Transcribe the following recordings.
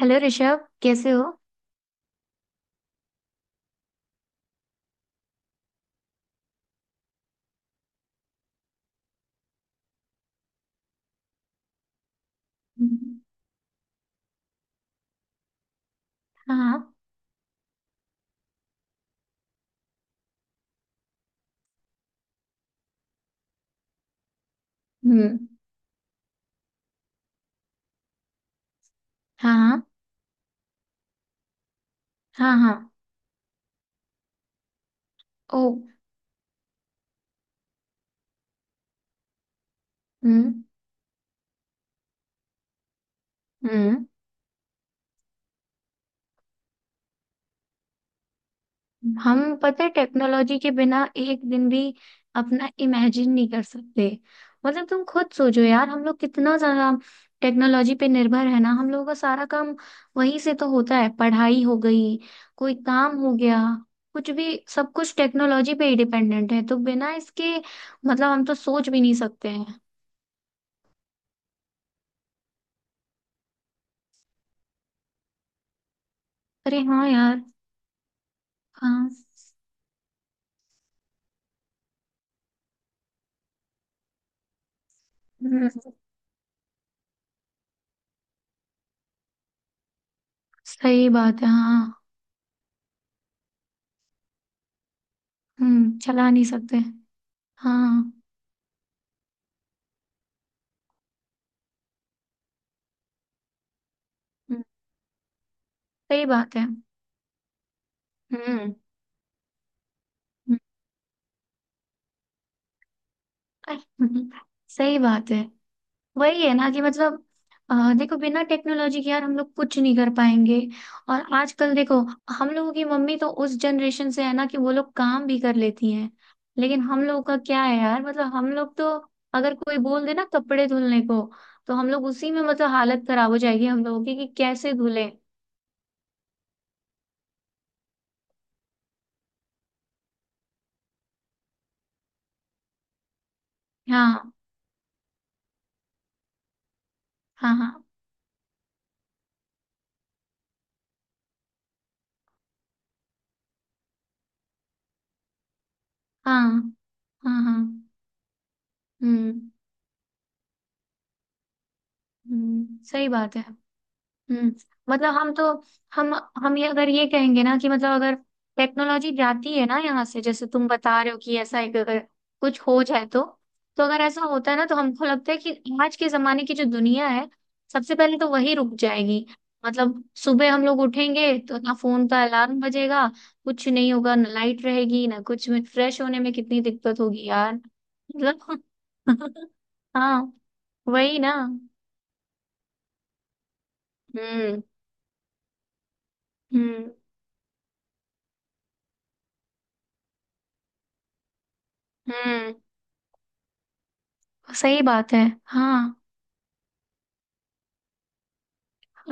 Hello Rishabh कैसे हो। हम्म। हाँ हाँ। हम्म। हाँ हाँ। हाँ हाँ। ओ। हम्म। हम्म। हम पता है टेक्नोलॉजी के बिना एक दिन भी अपना इमेजिन नहीं कर सकते। मतलब तुम खुद सोचो यार, हम लोग कितना ज्यादा टेक्नोलॉजी पे निर्भर है ना। हम लोगों का सारा काम वहीं से तो होता है। पढ़ाई हो गई, कोई काम हो गया, कुछ भी, सब कुछ टेक्नोलॉजी पे ही डिपेंडेंट है। तो बिना इसके मतलब हम तो सोच भी नहीं सकते हैं। अरे हाँ यार। हाँ। हम्म। सही बात है हाँ। हम्म, चला नहीं सकते। हाँ। हम्म। सही बात है। हम्म। हम्म। अरे, सही बात है। वही है ना कि मतलब देखो बिना टेक्नोलॉजी के यार हम लोग कुछ नहीं कर पाएंगे। और आजकल देखो हम लोगों की मम्मी तो उस जनरेशन से है ना कि वो लोग काम भी कर लेती हैं। लेकिन हम लोग का क्या है यार, मतलब हम लोग तो अगर कोई बोल दे ना कपड़े धुलने को तो हम लोग उसी में मतलब हालत खराब हो जाएगी हम लोगों की कि कैसे धुले। हाँ हाँ। हाँ हाँ। हाँ हाँ। हम्म। सही बात है। हम्म। मतलब हम तो। हम हम ये अगर ये कहेंगे ना कि मतलब अगर टेक्नोलॉजी जाती है ना यहाँ से, जैसे तुम बता रहे हो कि ऐसा एक अगर कुछ हो जाए तो। तो अगर ऐसा होता है ना तो हमको लगता है कि आज के जमाने की जो दुनिया है सबसे पहले तो वही रुक जाएगी। मतलब सुबह हम लोग उठेंगे तो ना फोन का अलार्म बजेगा, कुछ नहीं होगा, ना लाइट रहेगी ना कुछ, में फ्रेश होने में कितनी दिक्कत होगी यार। मतलब हाँ वही ना। हम्म। हम्म। हम्म सही बात है। हाँ।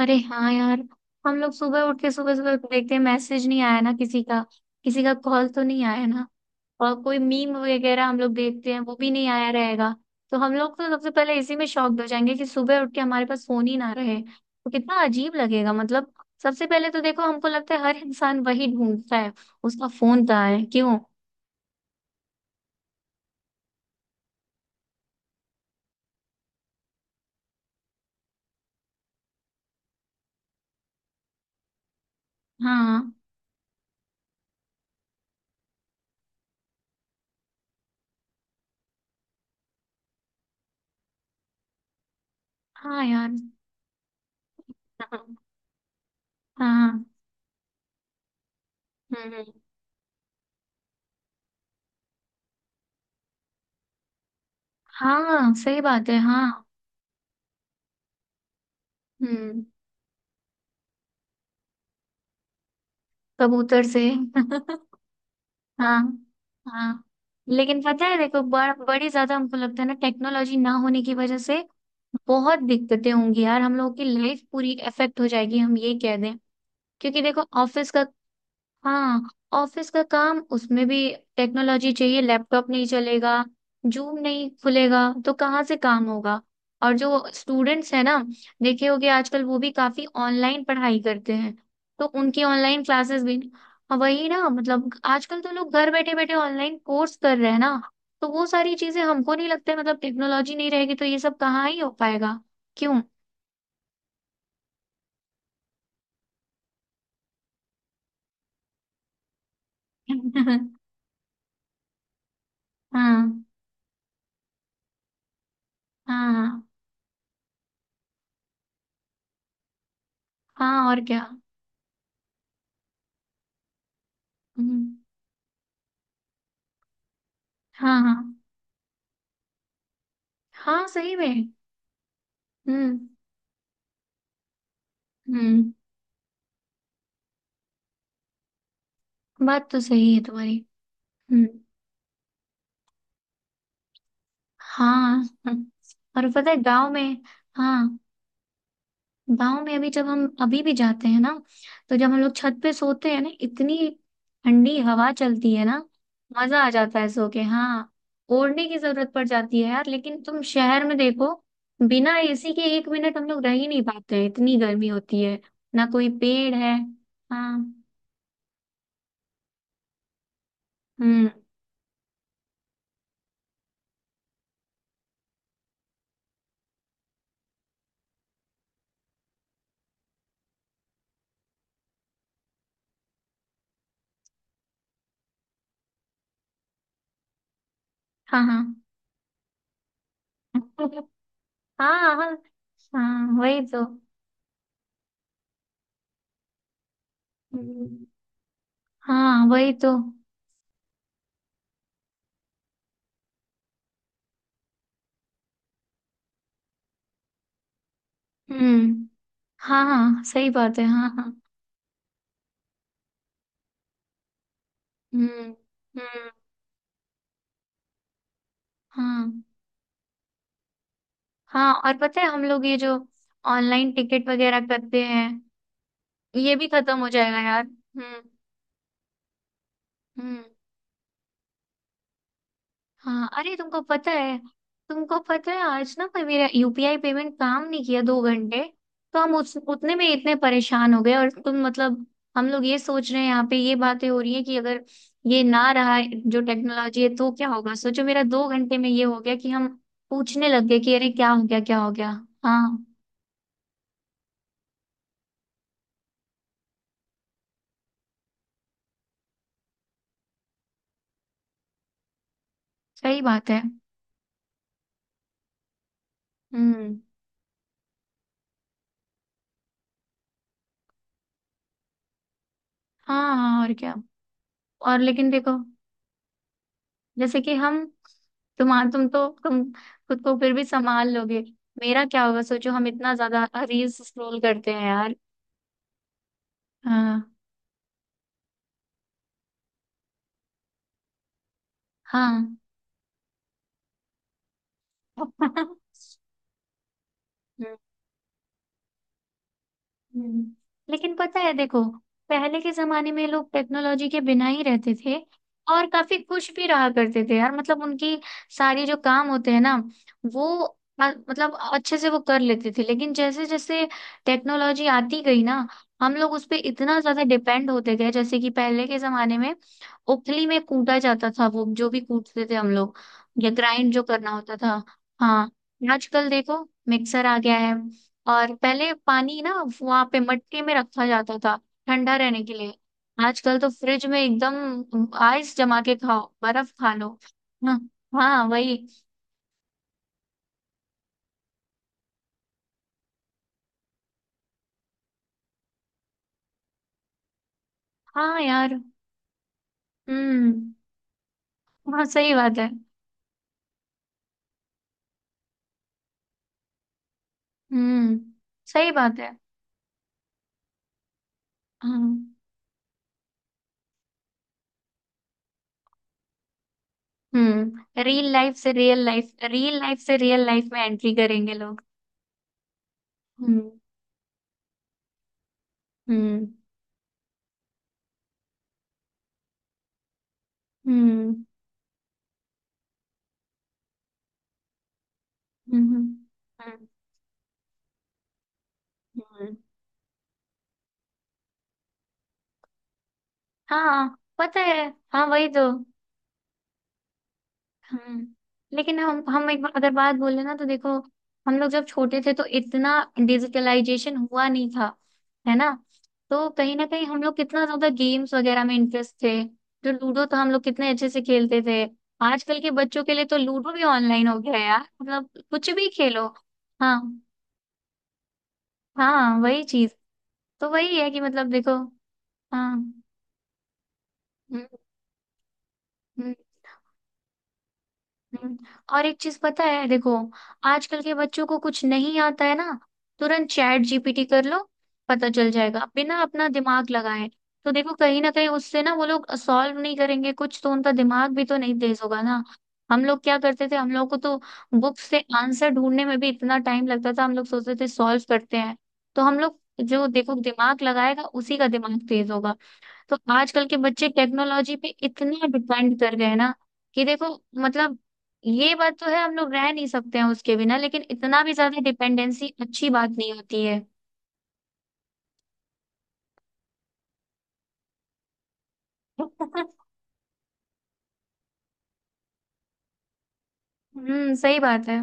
अरे हाँ यार, हम लोग सुबह उठ के सुबह सुबह देखते हैं, मैसेज नहीं आया ना किसी का, किसी का कॉल तो नहीं आया ना। और कोई मीम वगैरह हम लोग देखते हैं वो भी नहीं आया रहेगा। तो हम लोग तो सबसे पहले इसी में शॉक्ड हो जाएंगे कि सुबह उठ के हमारे पास फोन ही ना रहे तो कितना अजीब लगेगा। मतलब सबसे पहले तो देखो हमको लगता है हर इंसान वही ढूंढता है, उसका फोन कहाँ है क्यों। हाँ। हाँ यार हाँ हाँ। हम्म। हाँ सही बात है हाँ। हम्म, कबूतर से हाँ हाँ। लेकिन पता है देखो बड़ी ज्यादा हमको लगता है ना टेक्नोलॉजी ना होने की वजह से बहुत दिक्कतें होंगी यार। हम लोगों की लाइफ पूरी अफेक्ट हो जाएगी हम ये कह दें। क्योंकि देखो ऑफिस का। हाँ, ऑफिस का काम, उसमें भी टेक्नोलॉजी चाहिए। लैपटॉप नहीं चलेगा, जूम नहीं खुलेगा तो कहाँ से काम होगा। और जो स्टूडेंट्स है ना, देखे होगे आजकल वो भी काफी ऑनलाइन पढ़ाई करते हैं, तो उनकी ऑनलाइन क्लासेस भी। हाँ, वही ना, मतलब आजकल तो लोग घर बैठे बैठे ऑनलाइन कोर्स कर रहे हैं ना। तो वो सारी चीजें हमको नहीं लगता है, मतलब टेक्नोलॉजी नहीं रहेगी तो ये सब कहाँ ही हो पाएगा। क्यों। हाँ हाँ। हाँ और क्या। हम्म। हाँ हाँ। हाँ सही में। हम्म। हम्म। बात तो सही है तुम्हारी। हम्म। हाँ। हम्म, और पता है गांव में। हाँ, गांव में अभी जब हम अभी भी जाते हैं ना तो जब हम लोग छत पे सोते हैं ना इतनी ठंडी हवा चलती है ना, मजा आ जाता है सो के हाँ। ओढ़ने की जरूरत पड़ जाती है यार, लेकिन तुम शहर में देखो बिना एसी के एक मिनट हम लोग रह ही नहीं पाते हैं, इतनी गर्मी होती है, ना कोई पेड़ है। हाँ। हम्म। हाँ हाँ हाँ हाँ। हाँ वही तो। हम्म। हाँ वही तो। हम्म। हाँ हाँ सही बात है हाँ हाँ। हम्म। हम्म। हाँ हाँ। और पता है हम लोग ये जो ऑनलाइन टिकट वगैरह करते हैं ये भी खत्म हो जाएगा यार। हम्म। हम्म। हाँ अरे तुमको पता है, तुमको पता है आज ना कोई मेरा यूपीआई पेमेंट काम नहीं किया दो घंटे। तो हम उस उतने में इतने परेशान हो गए, और तुम मतलब, हम लोग ये सोच रहे हैं यहाँ पे, ये बातें हो रही है कि अगर ये ना रहा जो टेक्नोलॉजी है तो क्या होगा। सोचो मेरा दो घंटे में ये हो गया कि हम पूछने लग गए कि अरे क्या हो गया क्या हो गया। हाँ। सही बात है हम्म। हाँ हाँ और क्या। और लेकिन देखो, जैसे कि हम, तुम खुद को फिर भी संभाल लोगे। मेरा क्या होगा सोचो, हम इतना ज्यादा रील्स स्क्रॉल करते हैं यार। हाँ हाँ। हम्म। हम्म, लेकिन पता है देखो पहले के जमाने में लोग टेक्नोलॉजी के बिना ही रहते थे और काफी खुश भी रहा करते थे यार। मतलब उनकी सारी जो काम होते हैं ना वो मतलब अच्छे से वो कर लेते थे। लेकिन जैसे जैसे टेक्नोलॉजी आती गई ना, हम लोग उस पे इतना ज्यादा डिपेंड होते गए। जैसे कि पहले के जमाने में उखली में कूटा जाता था, वो जो भी कूटते थे हम लोग, या ग्राइंड जो करना होता था। हाँ। आजकल देखो मिक्सर आ गया है। और पहले पानी ना वहां पे मटके में रखा जाता था ठंडा रहने के लिए, आजकल तो फ्रिज में एकदम आइस जमा के खाओ बर्फ खा लो। हाँ। हाँ वही। हाँ यार। हम्म। हाँ सही बात है। हम्म सही बात है। हाँ। हम्म, रियल लाइफ से रियल लाइफ, रियल लाइफ से रियल लाइफ में एंट्री करेंगे लोग। हम्म। हम्म। हम्म। हम्म। हम्म। हम्म। हम्म। हाँ पता है। हाँ वही तो। हम्म। लेकिन हम एक बार अगर बात बोले ना तो देखो हम लोग जब छोटे थे तो इतना डिजिटलाइजेशन हुआ नहीं था, है ना। तो कहीं ना कहीं हम लोग कितना ज्यादा गेम्स वगैरह में इंटरेस्ट थे। जो लूडो तो हम लोग कितने अच्छे से खेलते थे। आजकल के बच्चों के लिए तो लूडो भी ऑनलाइन हो गया है यार, मतलब कुछ भी खेलो। हाँ। हाँ वही चीज। तो वही है कि मतलब देखो। हाँ। हम्म। हम्म। हम्म, और एक चीज पता है देखो आजकल के बच्चों को कुछ नहीं आता है ना, तुरंत चैट जीपीटी कर लो, पता चल जाएगा बिना अपना दिमाग लगाए। तो देखो कहीं ना कहीं उससे ना वो लोग सॉल्व नहीं करेंगे कुछ तो उनका दिमाग भी तो नहीं तेज होगा ना। हम लोग क्या करते थे, हम लोग को तो बुक से आंसर ढूंढने में भी इतना टाइम लगता था, हम लोग सोचते थे सॉल्व करते हैं। तो हम लोग जो देखो दिमाग लगाएगा उसी का दिमाग तेज होगा। तो आजकल के बच्चे टेक्नोलॉजी पे इतना डिपेंड कर गए हैं ना, कि देखो मतलब ये बात तो है, हम लोग रह नहीं सकते हैं उसके बिना, लेकिन इतना भी ज्यादा डिपेंडेंसी अच्छी बात नहीं होती है। सही बात है।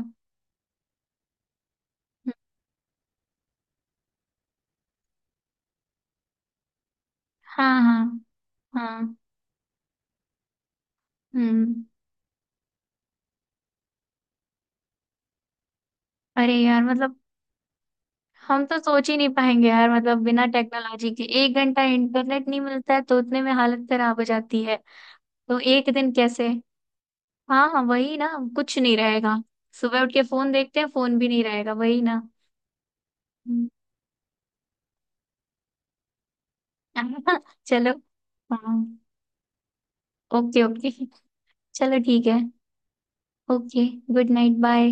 हाँ हाँ हाँ। हम्म। अरे यार मतलब हम तो सोच ही नहीं पाएंगे यार, मतलब बिना टेक्नोलॉजी के एक घंटा इंटरनेट नहीं मिलता है तो उतने में हालत खराब हो जाती है। तो एक दिन कैसे। हाँ हाँ वही ना, कुछ नहीं रहेगा। सुबह उठ के फोन देखते हैं, फोन भी नहीं रहेगा वही ना। हम्म। हाँ, चलो। हाँ। Okay okay. चलो ठीक है। ओके। Good night bye.